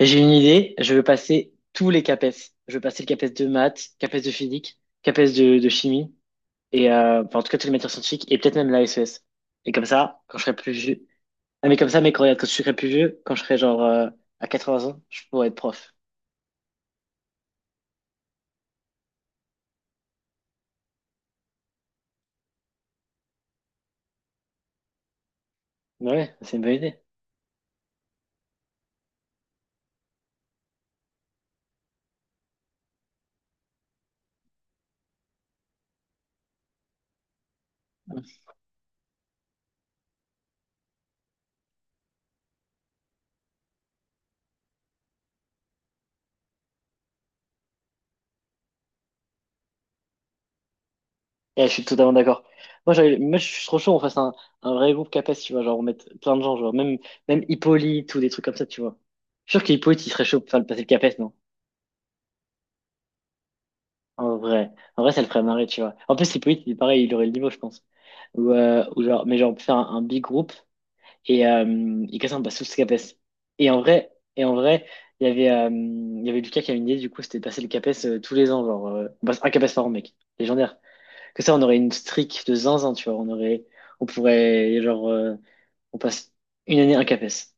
J'ai une idée, je veux passer tous les CAPES. Je veux passer le CAPES de maths, CAPES de physique, CAPES de chimie, et enfin, en tout cas toutes les matières scientifiques, et peut-être même la SES. Et comme ça, quand je serai plus vieux. Ah mais comme ça, mais quand, regarde, quand je serai plus vieux, quand je serai genre, à 80 ans, je pourrai être prof. Mais ouais, c'est une bonne idée. Ouais, je suis totalement d'accord. Moi, je suis trop chaud, on fasse un vrai groupe CAPES, tu vois, genre on mette plein de gens, genre même, Hippolyte ou des trucs comme ça, tu vois. Je suis sûr qu'Hippolyte, il serait chaud pour faire le passer le CAPES, non? En vrai, ça le ferait marrer, tu vois. En plus, Hippolyte, il est pareil, il aurait le niveau, je pense. Ou genre, mais genre, on peut faire un big group et il casse un basse sous CAPES. Et en vrai, il y avait Lucas qui avait une idée, du coup, c'était de passer le CAPES tous les ans, on passe un CAPES par an, mec. Légendaire. Que ça, on aurait une streak de zinzin, tu vois. On pourrait, on passe une année un CAPES.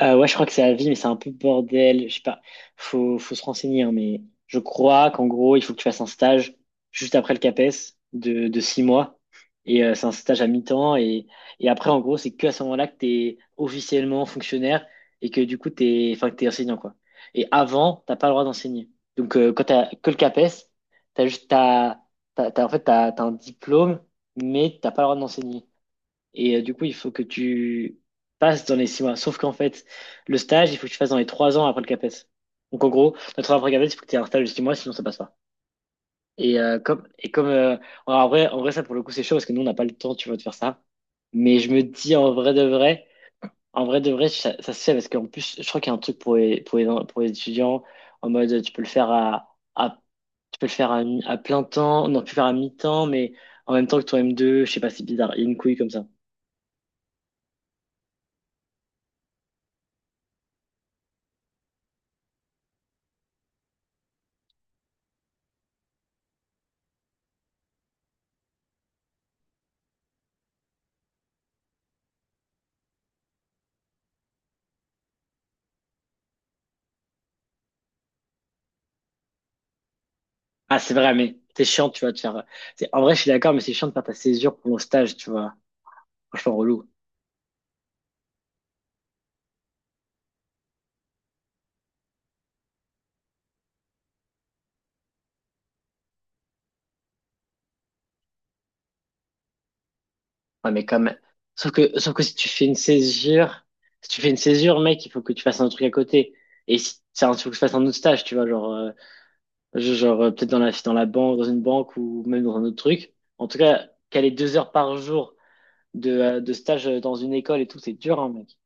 Ouais, je crois que c'est à vie, mais c'est un peu bordel. Je sais pas. Faut se renseigner, hein, mais je crois qu'en gros, il faut que tu fasses un stage juste après le CAPES de 6 mois. Et c'est un stage à mi-temps. Et après, en gros, c'est que à ce moment-là que tu es officiellement fonctionnaire et que du coup, enfin, que t'es enseignant, quoi. Et avant, t'as pas le droit d'enseigner. Donc, quand t'as que le CAPES, t'as juste, t'as, t'as, t'as- en fait, t'as un diplôme, mais t'as pas le droit d'enseigner. Et du coup, il faut que tu passes dans les 6 mois. Sauf qu'en fait, le stage, il faut que tu fasses dans les 3 ans après le CAPES. Donc en gros, notre après le CAPES, il faut que tu aies un stage de 6 mois, sinon ça passe pas. Et comme en vrai, ça pour le coup, c'est chaud parce que nous, on n'a pas le temps, tu vois, de faire ça. Mais je me dis en vrai de vrai, ça se fait parce qu'en plus, je crois qu'il y a un truc pour les étudiants en mode tu peux le faire à plein temps, non, tu peux le faire à mi-temps, mais en même temps que ton M2, je sais pas, c'est bizarre, il y a une couille comme ça. Ah, c'est vrai, mais c'est chiant, tu vois, de faire. En vrai, je suis d'accord, mais c'est chiant de faire ta césure pour mon stage, tu vois. Franchement, relou. Ouais, mais comme. Sauf que si tu fais une césure, si tu fais une césure, mec, il faut que tu fasses un truc à côté. Et si c'est un truc que tu fasses un autre stage, tu vois, genre, peut-être dans la banque, dans une banque ou même dans un autre truc. En tout cas, caler 2 heures par jour de stage dans une école et tout, c'est dur, hein, mec.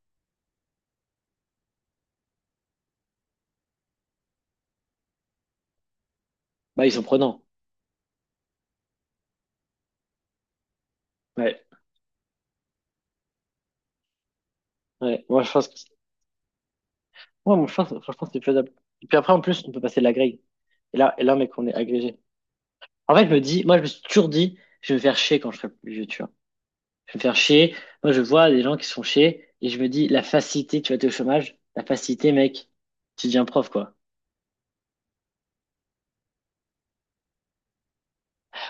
Bah, ils sont prenants. Ouais, ouais. Moi, je pense que Ouais, moi, je pense, franchement, c'est faisable. Et puis après, en plus, on peut passer de la grille. Et là, mec, on est agrégé. En fait, je me dis, moi, je me suis toujours dit, je vais me faire chier quand je serai plus vieux, tu vois. Je vais me faire chier. Moi, je vois des gens qui se font chier et je me dis, la facilité, tu vas être au chômage, la facilité, mec, tu deviens prof, quoi.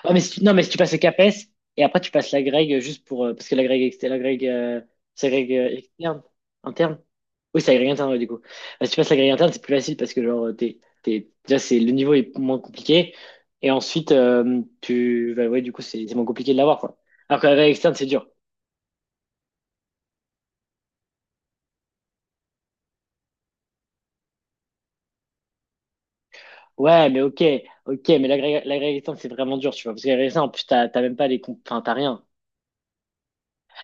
Ouais, mais si tu- non, mais si tu passes le CAPES et après tu passes la Greg juste pour. Parce que la Greg, c'est la externe, interne. Oui, c'est la Greg interne, ouais, du coup. Si tu passes la Greg interne, c'est plus facile parce que t'es, déjà, le niveau est moins compliqué. Et ensuite, tu. Bah, ouais, du coup, c'est moins compliqué de l'avoir, quoi. Alors que la Greg externe, c'est dur. Ouais, mais ok, ok, mais la Greg externe, c'est vraiment dur, tu vois. Parce que la Greg externe, en plus, t'as même pas Enfin, t'as rien.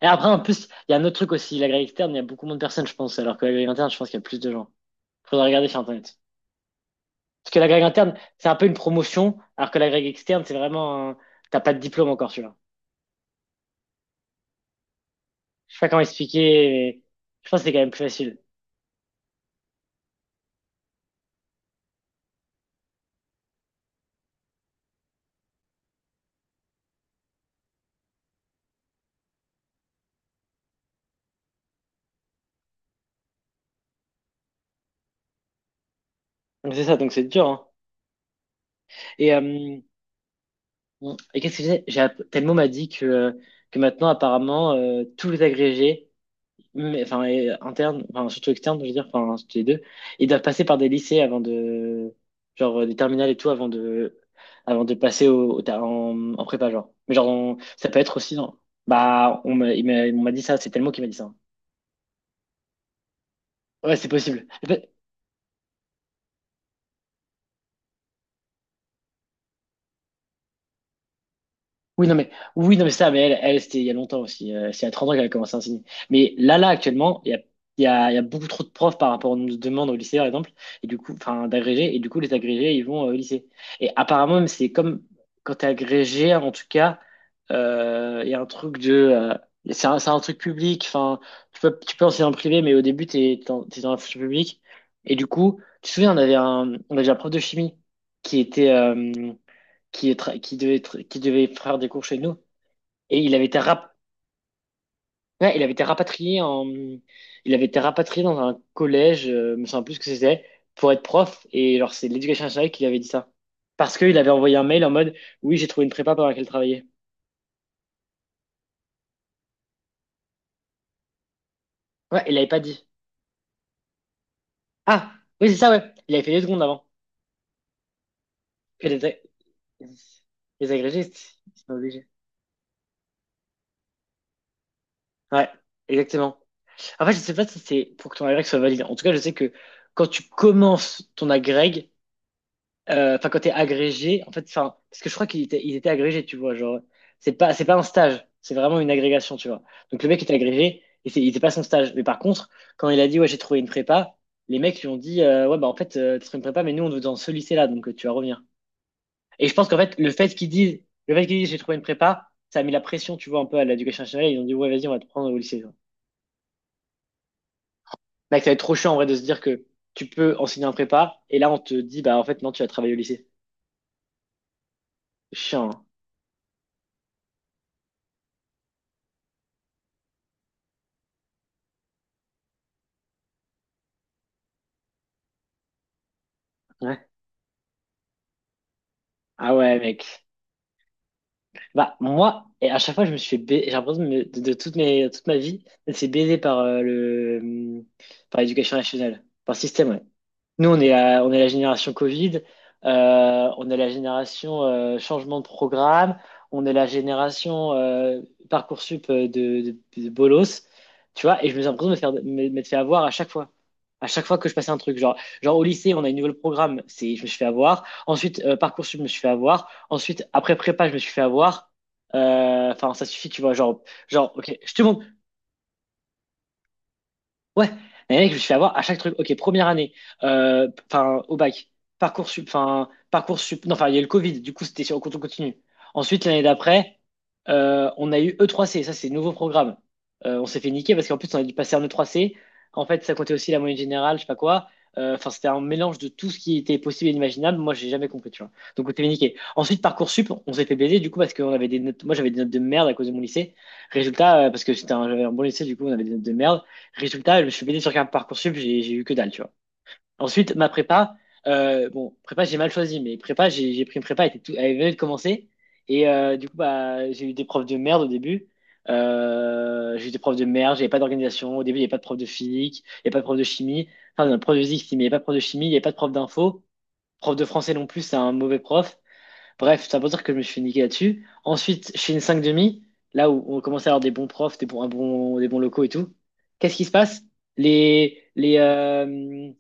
Et après, en plus, il y a un autre truc aussi. La Greg externe, il y a beaucoup moins de personnes, je pense. Alors que la Greg interne, je pense qu'il y a plus de gens. Faudrait regarder sur Internet. Parce que la grègue interne, c'est un peu une promotion, alors que la grègue externe, c'est vraiment un. T'as pas de diplôme encore, tu vois. Je sais pas comment expliquer, mais je pense que c'est quand même plus facile. Donc c'est ça, donc c'est dur, hein. Et, euh, et qu'est-ce que j'ai? Telmo m'a dit que maintenant, apparemment, tous les agrégés mais enfin interne, enfin surtout externe, je veux dire, enfin surtout les deux, ils doivent passer par des lycées avant de, genre, des terminales et tout avant de passer en prépa genre. Mais genre ça peut être aussi, non. Bah on m'a dit ça, c'est tellement qui m'a dit ça. Ouais, c'est possible. Oui, non, mais, oui, non, mais elle, elle c'était il y a longtemps aussi. C'est à 30 ans qu'elle a commencé à enseigner. Mais là, là, actuellement, il y a, il y a, il y a beaucoup trop de profs par rapport aux demandes au lycée, par exemple, et du coup, enfin, d'agrégés, et du coup, les agrégés, ils vont au lycée. Et apparemment, même, c'est comme quand t'es agrégé, en tout cas, il y a un truc de. C'est un, truc public, enfin, tu peux enseigner en privé, mais au début, t'es dans la fonction publique. Et du coup, tu te souviens, on avait un prof de chimie qui était. Qui devait faire des cours chez nous. Et il avait été, ouais, il avait été rapatrié dans un collège, je me souviens plus ce que c'était, pour être prof. Et alors, c'est l'éducation nationale qui lui avait dit ça. Parce qu'il avait envoyé un mail en mode, oui, j'ai trouvé une prépa pendant laquelle travailler. Ouais, il l'avait pas dit. Ah, oui, c'est ça, ouais. Il avait fait deux secondes avant. Puis les agrégés, c'est pas obligé. Ouais, exactement. En fait, je sais pas si c'est pour que ton agrég soit valide. En tout cas, je sais que quand tu commences ton agrég. Enfin, quand t'es agrégé, en fait, enfin, parce que je crois qu'il était agrégé, tu vois, genre, c'est pas un stage, c'est vraiment une agrégation, tu vois. Donc le mec était agrégé et il était pas son stage. Mais par contre, quand il a dit ouais, j'ai trouvé une prépa, les mecs lui ont dit ouais bah en fait t'as trouvé une prépa, mais nous on te veut dans ce lycée-là, donc tu vas revenir. Et je pense qu'en fait le fait qu'ils disent j'ai trouvé une prépa, ça a mis la pression, tu vois, un peu à l'éducation nationale. Ils ont dit ouais vas-y on va te prendre au lycée. Mec, ça va être trop chiant en vrai de se dire que tu peux enseigner un prépa et là on te dit bah en fait non tu vas travailler au lycée. Chiant, hein. Ouais. Ah, ouais, mec. Bah, moi, et à chaque fois, je me suis fait ba- j'ai l'impression de toute ma vie, c'est baisé par l'éducation nationale, par le système, ouais. Nous, on est la génération Covid, on est la génération changement de programme, on est la génération Parcoursup de bolos, tu vois, et je me suis l'impression de m'être fait avoir à chaque fois. À chaque fois que je passais un truc, genre au lycée, on a une nouvelle programme, je me suis fait avoir. Ensuite, Parcoursup, je me suis fait avoir. Ensuite, après prépa, je me suis fait avoir. Enfin, ça suffit, tu vois, genre, ok, je te montre. Ouais, mais mec, je me suis fait avoir à chaque truc. Ok, première année, enfin au bac, Parcoursup, enfin Parcoursup, non, enfin il y a eu le Covid, du coup c'était sur cours continu. Ensuite, l'année d'après, on a eu E3C, ça c'est nouveau programme. On s'est fait niquer parce qu'en plus on a dû passer en E3C. En fait, ça comptait aussi la moyenne générale, je sais pas quoi. Enfin, c'était un mélange de tout ce qui était possible et inimaginable. Moi, j'ai jamais compris, tu vois. Donc, on s'est fait niquer. Ensuite, Parcoursup, on s'est fait baiser, du coup, parce qu'on avait des notes. Moi, j'avais des notes de merde à cause de mon lycée. Résultat, parce que c'était un, j'avais un bon lycée, du coup, on avait des notes de merde. Résultat, je me suis baigné sur Parcoursup, j'ai eu que dalle, tu vois. Ensuite, ma prépa, bon, prépa, j'ai mal choisi, mais prépa, j'ai pris une prépa, elle, était tout, elle venait de commencer. Et du coup, bah, j'ai eu des profs de merde au début. J'ai eu des profs de merde, j'avais pas d'organisation. Au début, il n'y avait pas de prof de physique, il n'y avait pas de prof de chimie. Enfin, non, prof de physique, si, mais il n'y avait pas de prof de chimie, il n'y avait pas de prof d'info. Prof de français non plus, c'est un mauvais prof. Bref, ça veut dire que je me suis fait niquer là-dessus. Ensuite, je fais une 5 demi, là où on commençait à avoir des bons profs, des bons, des bons locaux et tout. Qu'est-ce qui se passe? Les, les, euh,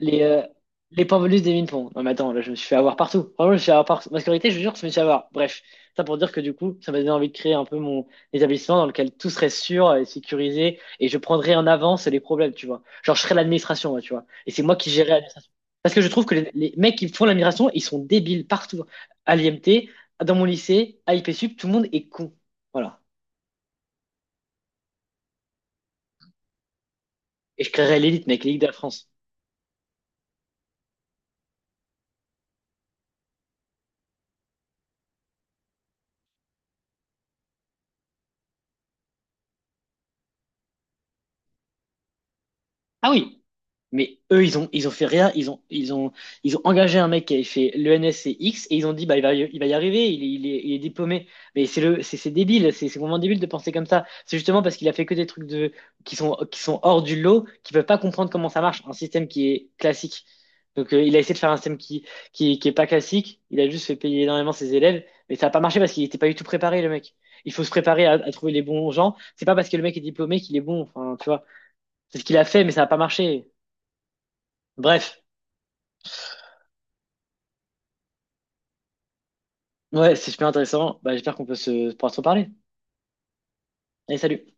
les, euh, les points bonus des mine-ponts. Non, mais attends, là, je me suis fait avoir partout. Vraiment, je me suis fait avoir partout. Ma scolarité, je vous jure, je me suis fait avoir. Bref, ça pour dire que du coup, ça m'a donné envie de créer un peu mon établissement dans lequel tout serait sûr et sécurisé et je prendrais en avance les problèmes, tu vois. Genre, je serais l'administration, moi, tu vois. Et c'est moi qui gérerais l'administration. Parce que je trouve que les mecs qui font l'administration, ils sont débiles partout. À l'IMT, dans mon lycée, à I P Sup tout le monde est con. Voilà. Et je créerais l'élite, mec, l'élite de la France. Ah oui. Mais eux, ils ont fait rien. Ils ont engagé un mec qui avait fait l'ENSCX et ils ont dit, bah, il va y arriver, il est diplômé. Mais c'est débile, c'est vraiment débile de penser comme ça. C'est justement parce qu'il a fait que des trucs de, qui sont hors du lot, qui peuvent pas comprendre comment ça marche, un système qui est classique. Donc, il a essayé de faire un système qui est pas classique. Il a juste fait payer énormément ses élèves, mais ça a pas marché parce qu'il était pas du tout préparé, le mec. Il faut se préparer à trouver les bons gens. C'est pas parce que le mec est diplômé qu'il est bon. Enfin, tu vois, c'est ce qu'il a fait, mais ça a pas marché. Bref. Ouais, c'est super intéressant. Bah, j'espère qu'on peut se, pouvoir se reparler. Allez, salut.